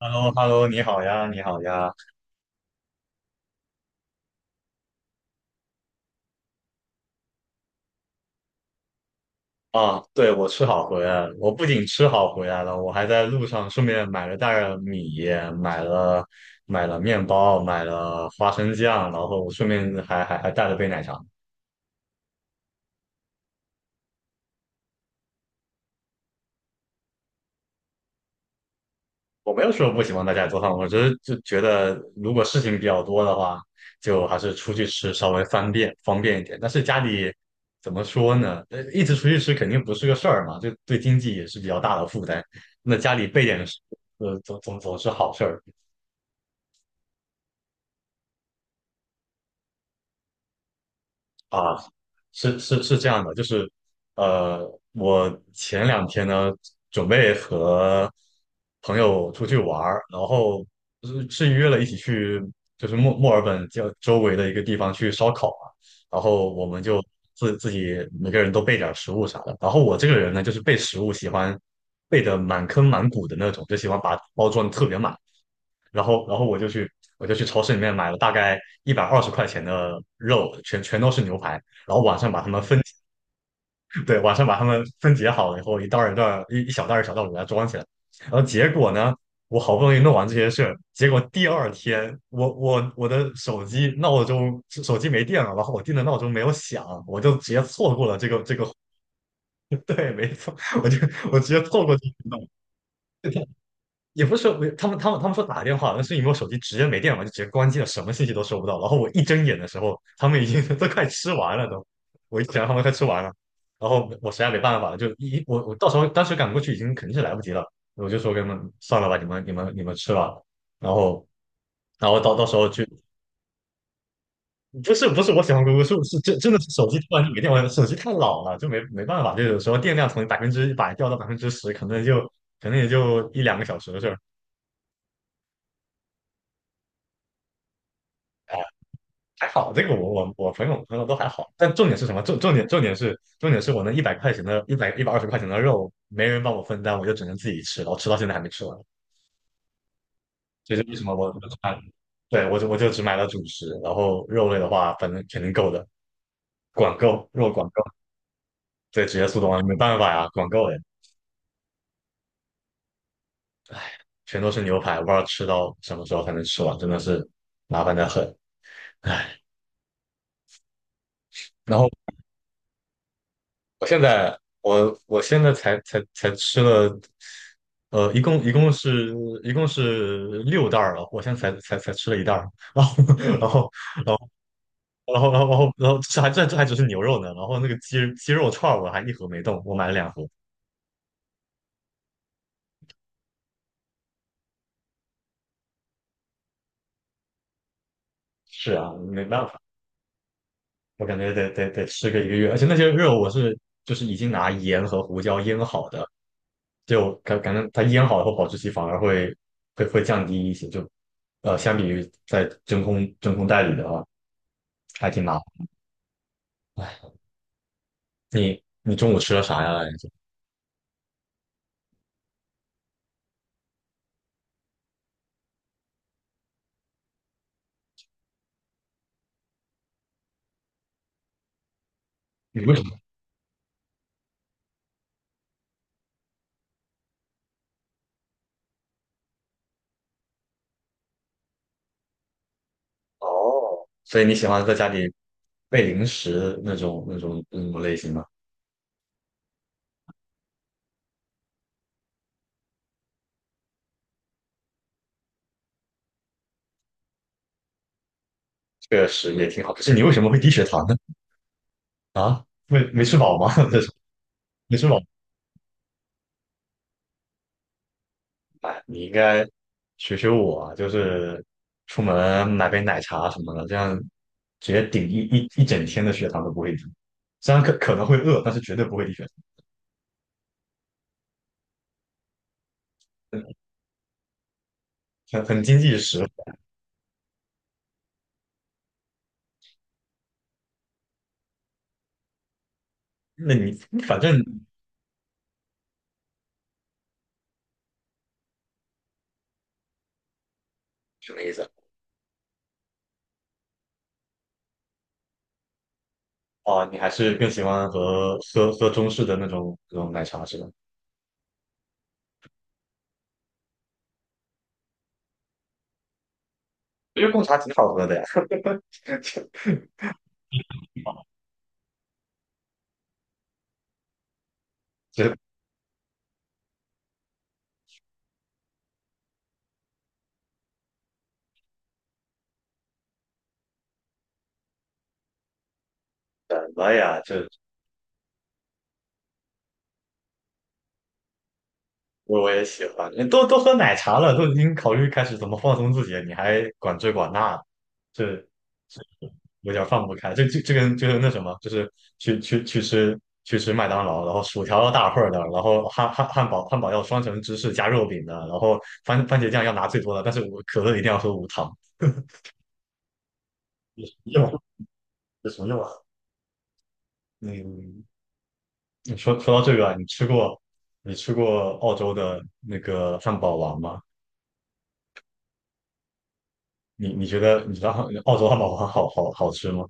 h e l l o h e l l o 你好呀，你好呀！啊，对，我吃好回来了。我不仅吃好回来了，我还在路上顺便买了袋儿米，买了买了面包，买了花生酱，然后顺便还带了杯奶茶。我没有说不喜欢在家做饭，我只是就觉得如果事情比较多的话，就还是出去吃稍微方便一点。但是家里怎么说呢？一直出去吃肯定不是个事儿嘛，就对经济也是比较大的负担。那家里备点食，总是好事儿。啊，是是是这样的，就是，我前两天呢，准备和朋友出去玩儿，然后是约了一起去，就是墨尔本叫周围的一个地方去烧烤嘛，然后我们就自己每个人都备点儿食物啥的，然后我这个人呢，就是备食物喜欢备的满坑满谷的那种，就喜欢把包装得特别满，然后我就去超市里面买了大概一百二十块钱的肉，全都是牛排，然后晚上把它们分，对，晚上把它们分解好了以后，一小袋儿一小袋儿给它装起来，然后结果呢？我好不容易弄完这些事儿，结果第二天我的手机闹钟手机没电了，然后我定的闹钟没有响，我就直接错过了这个，对，没错，我就我直接错过这个运动，也不是说他们说打电话，但是因为我手机直接没电了，就直接关机了，什么信息都收不到。然后我一睁眼的时候，他们已经 都快吃完了都，我一想他们快吃完了，然后我实在没办法了，就一我我到时候当时赶过去已经肯定是来不及了，我就说给他们算了吧，你们吃吧。然后然后到时候去，不是不是我喜欢姑姑，是真的是手机突然就没电了，手机太老了，就没办法，就有时候电量从100%掉到10%，可能也就一两个小时的事儿。还好，这个我朋友都还好，但重点是什么？重点是我那一百二十块钱的肉，没人帮我分担，我就只能自己吃，然后吃到现在还没吃完。这是为什么我我就买，对，我就只买了主食，然后肉类的话，反正肯定够的，管够肉管够，对，直接速冻啊，没办法呀，管够哎，全都是牛排，我不知道吃到什么时候才能吃完，真的是麻烦的很，唉。然后我现在我现在才吃了，呃，一共一共是一共是6袋儿了，我现在才吃了一袋儿，然后 然后这还只是牛肉呢，然后那个鸡肉串儿我还一盒没动，我买了2盒。是啊，没办法，我感觉得吃个1个月，而且那些肉就是已经拿盐和胡椒腌好的，就感觉它腌好以后保质期反而会降低一些，就相比于在真空袋里的啊。还挺麻烦。哎，你中午吃了啥呀？你为什么？哦，所以你喜欢在家里备零食那种类型吗？确实也挺好。可是你为什么会低血糖呢？没吃饱吗？这种没吃饱，哎，你应该学学我啊，就是出门买杯奶茶什么的，这样直接顶一整天的血糖都不会低。虽然可能会饿，但是绝对不会低血糖，很经济实惠。那你反正什么意思啊？哦，你还是更喜欢喝中式的那种奶茶是吧？我觉得贡茶挺好喝的呀，这这什么呀？我也喜欢，你都喝奶茶了，都已经考虑开始怎么放松自己了，你还管这管那，这有点放不开。这跟就是那什么，就是去去去吃去吃麦当劳，然后薯条要大份儿的，然后汉堡要双层芝士加肉饼的，然后番茄酱要拿最多的，但是我可乐一定要喝无糖，有什么用啊？有什么用啊？嗯，你说到这个啊，你吃过澳洲的那个汉堡王吗？你觉得你知道澳洲汉堡王好吃吗？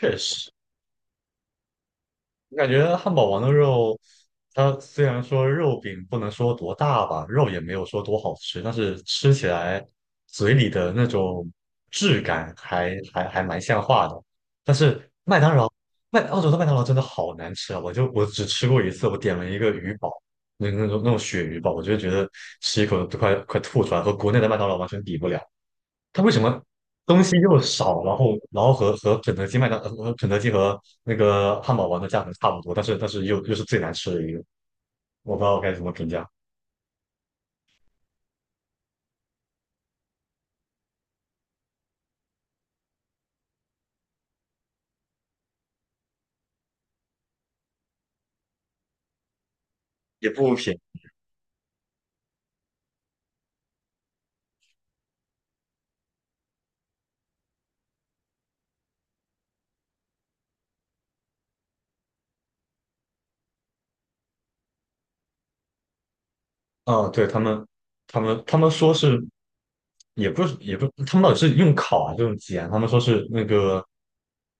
确实。我感觉汉堡王的肉，它虽然说肉饼不能说多大吧，肉也没有说多好吃，但是吃起来嘴里的那种质感还蛮像话的。但是麦当劳，澳洲的麦当劳真的好难吃啊！我只吃过一次，我点了一个鱼堡，那种鳕鱼堡，我就觉得吃一口都快吐出来，和国内的麦当劳完全比不了。它为什么东西又少，然后和肯德基、和那个汉堡王的价格差不多，但是又是最难吃的一个，我不知道该怎么评价，也不便宜啊，对他们，他们说是，也不，他们到底是用烤啊是用煎？他们说是那个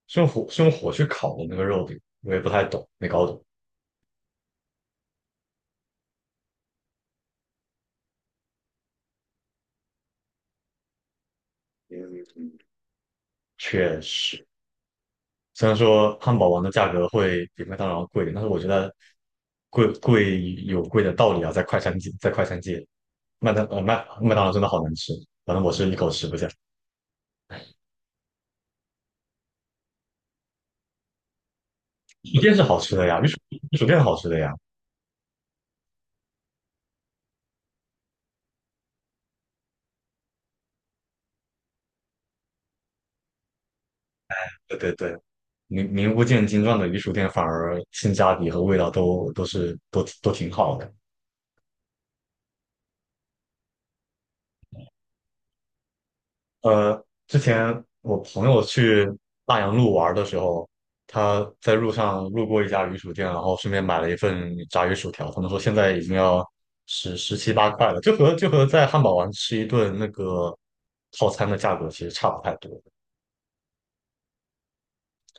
是用火去烤的那个肉饼，我也不太懂，没搞懂。嗯，确实。虽然说汉堡王的价格会比麦当劳贵，但是我觉得贵有贵的道理啊，在快餐界，麦当劳真的好难吃，反正我是一口吃不下。鱼薯店是好吃的呀，鱼薯店好吃的呀，对对对，名不见经传的鱼薯店反而性价比和味道都都是都都挺好的。之前我朋友去大洋路玩的时候，他在路上路过一家鱼薯店，然后顺便买了一份炸鱼薯条。他们说现在已经要十七八块了，就和在汉堡王吃一顿那个套餐的价格其实差不太多。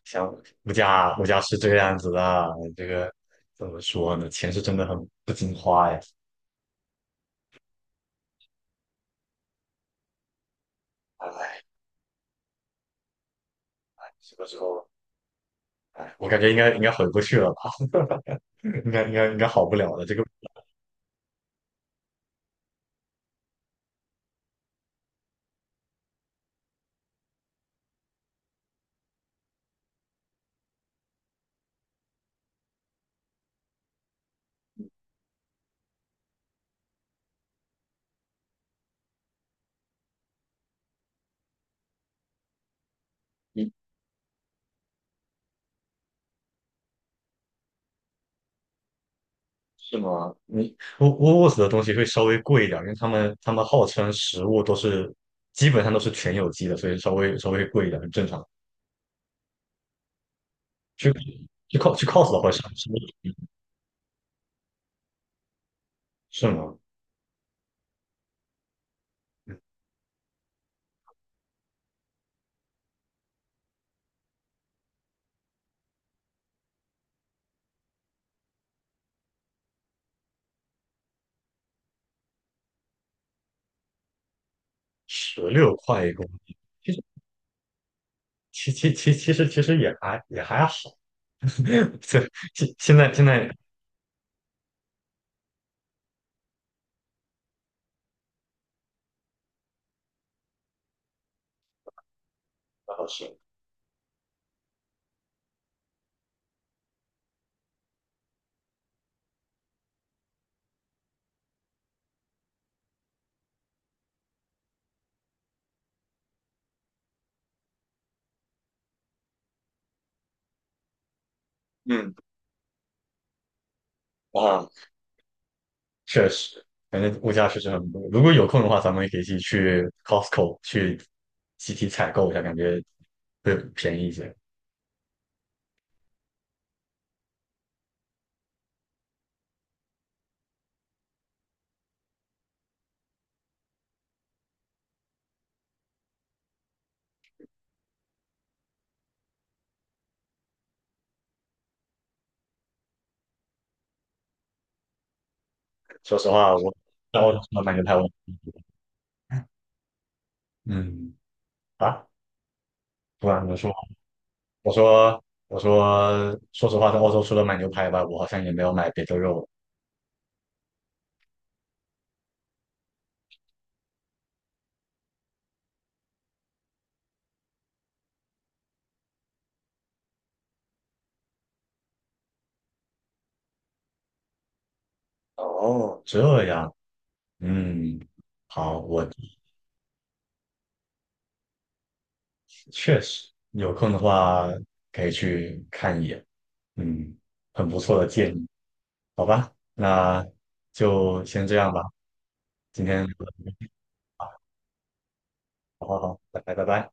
像物价是这个样子的，这个怎么说呢？钱是真的很不经花呀。哎，什么时候？哎，我感觉应该回不去了吧，应该好不了了。这个。是吗？你沃斯的东西会稍微贵一点，因为他们号称食物基本上都是全有机的，所以稍微贵一点很正常。去去 cos 的话，稍微便宜是吗？嗯16块一个，其实其其其其实其实也还也还好，对，现在不好吃嗯啊，确实，反正物价确实很贵。如果有空的话，咱们也可以一起去 Costco 去集体采购一下，感觉会便宜一些。说实话，我在澳洲除了买牛排，我嗯啊，不管怎么说我说我说，说实话，在澳洲除了买牛排外，我好像也没有买别的肉了。哦，这样，嗯，好，我确实有空的话可以去看一眼，嗯，很不错的建议，好吧，那就先这样吧，今天就到这里好好好，拜拜拜拜。